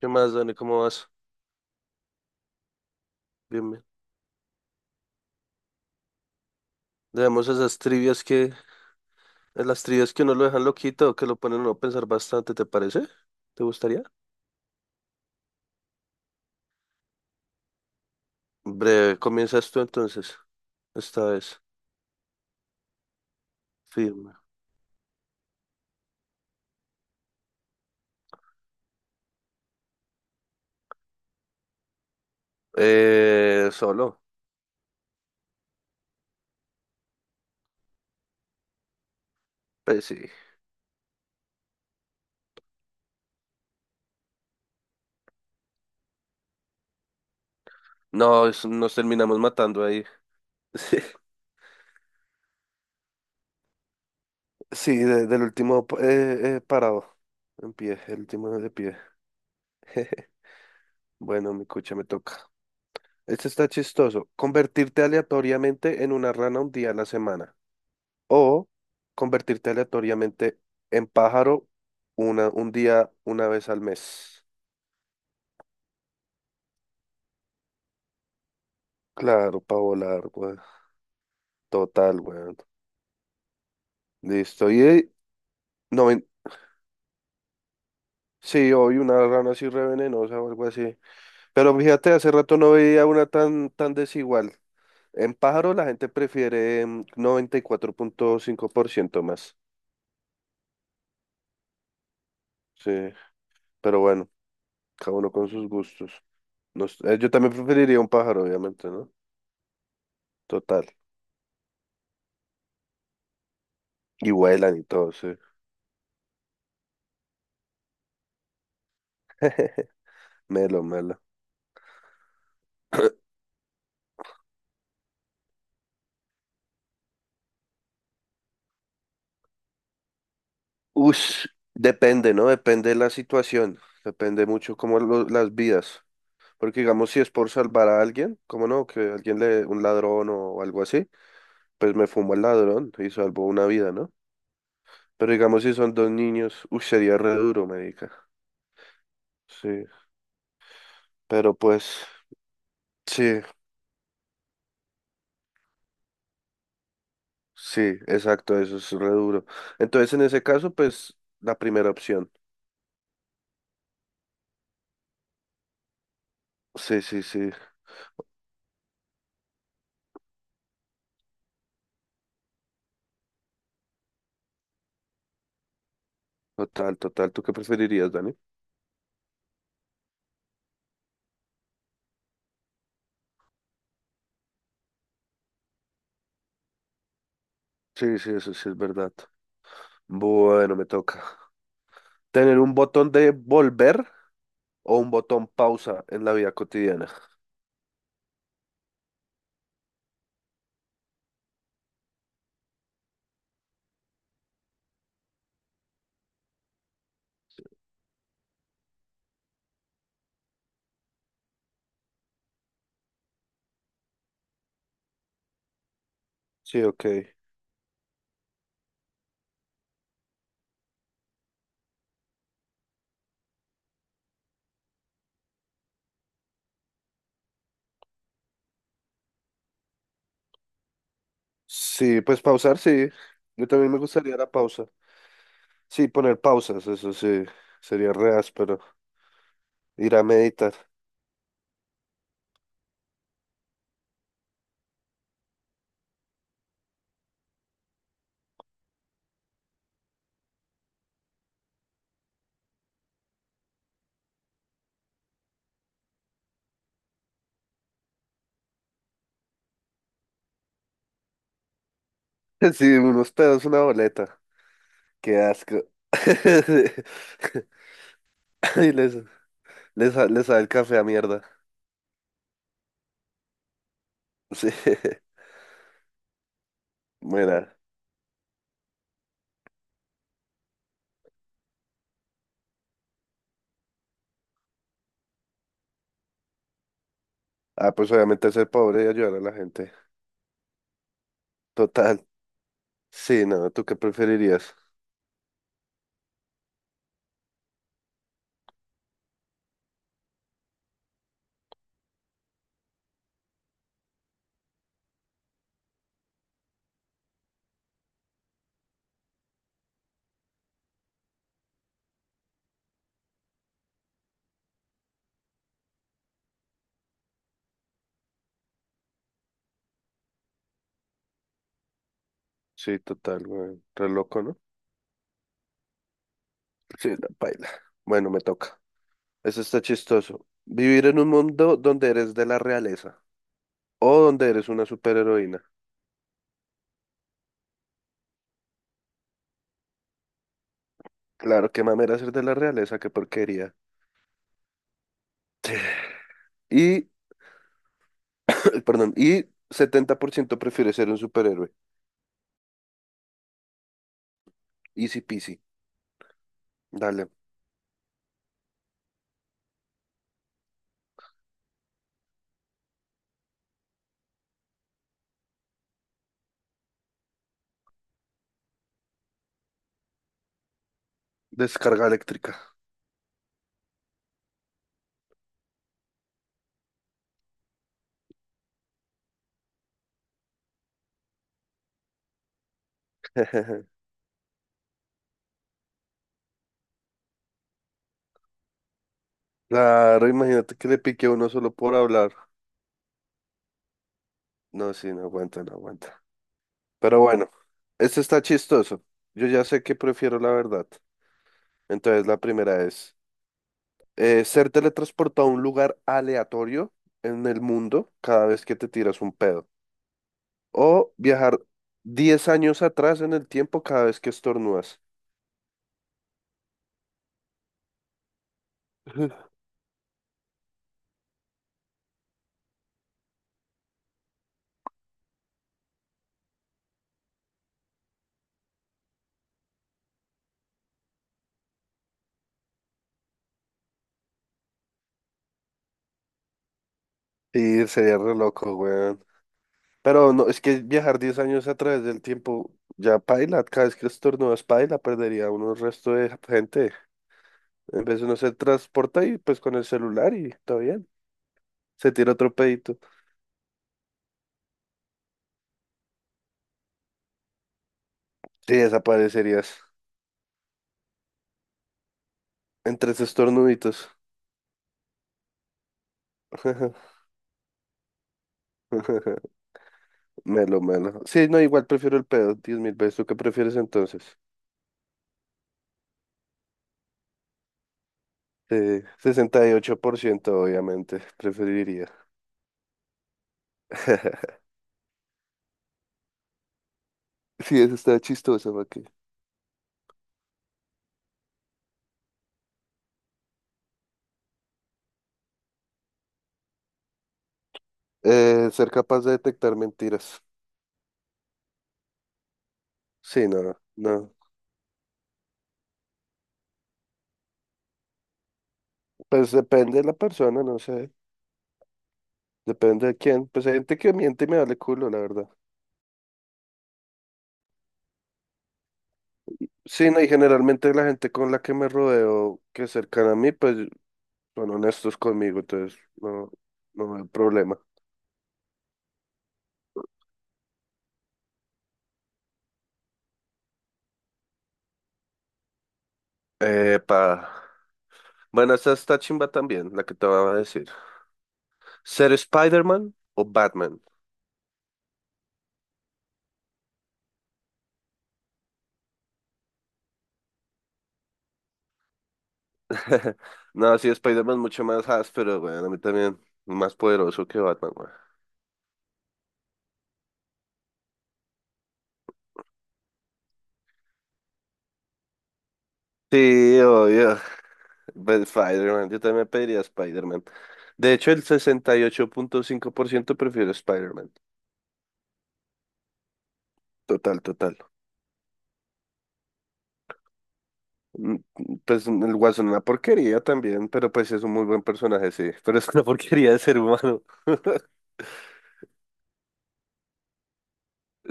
¿Qué más, Dani? ¿Cómo vas? Bien, bien. Debemos esas trivias que, las trivias que uno lo dejan loquito que lo ponen a uno a pensar bastante, ¿te parece? ¿Te gustaría? Breve, comienzas tú entonces, esta vez. Firme. Solo. Pues sí. No, nos terminamos matando ahí. Sí, sí, del último parado. En pie, el último de pie. Bueno, mi cucha me toca. Este está chistoso. Convertirte aleatoriamente en una rana un día a la semana. O convertirte aleatoriamente en pájaro un día, una vez al mes. Claro, para volar, weón. Total, weón. Listo. Y no, sí, hoy una rana así re venenosa o algo así. Pero fíjate, hace rato no veía una tan, tan desigual. En pájaro la gente prefiere 94.5% más. Sí, pero bueno, cada uno con sus gustos. No yo también preferiría un pájaro, obviamente, ¿no? Total. Y vuelan y todo, sí. Melo, melo. Ush, depende, ¿no? Depende de la situación. Depende mucho como las vidas. Porque digamos, si es por salvar a alguien, como no? Que alguien le, un ladrón o algo así, pues me fumo al ladrón y salvo una vida, ¿no? Pero digamos, si son dos niños, uy, sería re duro, marica. Sí, pero pues, sí, sí, exacto, eso es re duro. Entonces, en ese caso, pues, la primera opción. Sí, sí, sí, total, total. ¿Tú qué preferirías, Dani? Sí, sí, eso sí es verdad. Bueno, me toca. Tener un botón de volver o un botón pausa en la vida cotidiana. Sí, ok. Sí, pues pausar, sí. Yo también me gustaría la pausa. Sí, poner pausas, eso sí. Sería re áspero. Ir a meditar. Sí, unos pedos, una boleta. Qué asco. Y les sabe el café a mierda. Sí. Mira. Ah, pues obviamente ser pobre y ayudar a la gente. Total. Sí, no, ¿tú qué preferirías? Sí, total, güey. Re loco, ¿no? Sí, la paila. Bueno, me toca. Eso está chistoso. Vivir en un mundo donde eres de la realeza o donde eres una superheroína. Claro, qué mamera ser de la realeza, qué porquería. Y, perdón, y 70% prefiere ser un superhéroe. Easy peasy. Dale. Descarga eléctrica. Claro, imagínate que le pique a uno solo por hablar. No, sí, no aguanta, no aguanta. Pero bueno, este está chistoso. Yo ya sé que prefiero la verdad. Entonces, la primera es ser teletransportado a un lugar aleatorio en el mundo cada vez que te tiras un pedo. O viajar 10 años atrás en el tiempo cada vez que estornudas. Y sería re loco, weón. Pero no, es que viajar 10 años a través del tiempo ya paila. Cada vez que estornudas paila, perdería uno el resto de gente. En vez de uno se transporta y pues con el celular y está bien. Se tira otro pedito. Sí, desaparecerías entre esos estornuditos. Melo, melo. Sí, no, igual prefiero el pedo, 10.000 veces. ¿Tú qué prefieres entonces? 68% obviamente, preferiría. Sí, eso está chistoso, ¿para qué? Ser capaz de detectar mentiras. Sí, no, no. Pues depende de la persona, no sé. Depende de quién. Pues hay gente que miente y me vale culo, la verdad. Sí, no, y generalmente la gente con la que me rodeo, que es cercana a mí, pues son honestos conmigo, entonces no, no hay problema. Epa. Bueno, esta está chimba también, la que te voy a decir. ¿Ser Spider-Man o Batman? No, sí, Spider-Man mucho más áspero, weón. A mí también, más poderoso que Batman, weón. Sí, obvio. Pero Spider-Man, yo también pediría Spider-Man. De hecho, el 68.5% prefiere Spider-Man. Total, total. Mm, Pues el Guasón una porquería también, pero pues es un muy buen personaje, sí. Pero es una porquería de ser humano.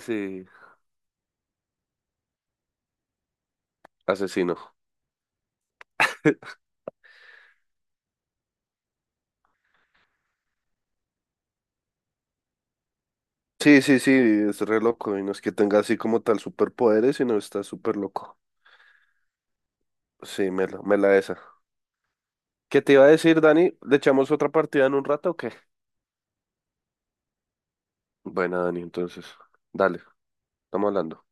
Sí, asesino. Sí, sí, sí, es re loco. Y no es que tenga así como tal superpoderes, sino está súper loco. Sí, me la esa. ¿Qué te iba a decir, Dani? ¿Le echamos otra partida en un rato o qué? Buena, Dani, entonces. Dale, estamos hablando.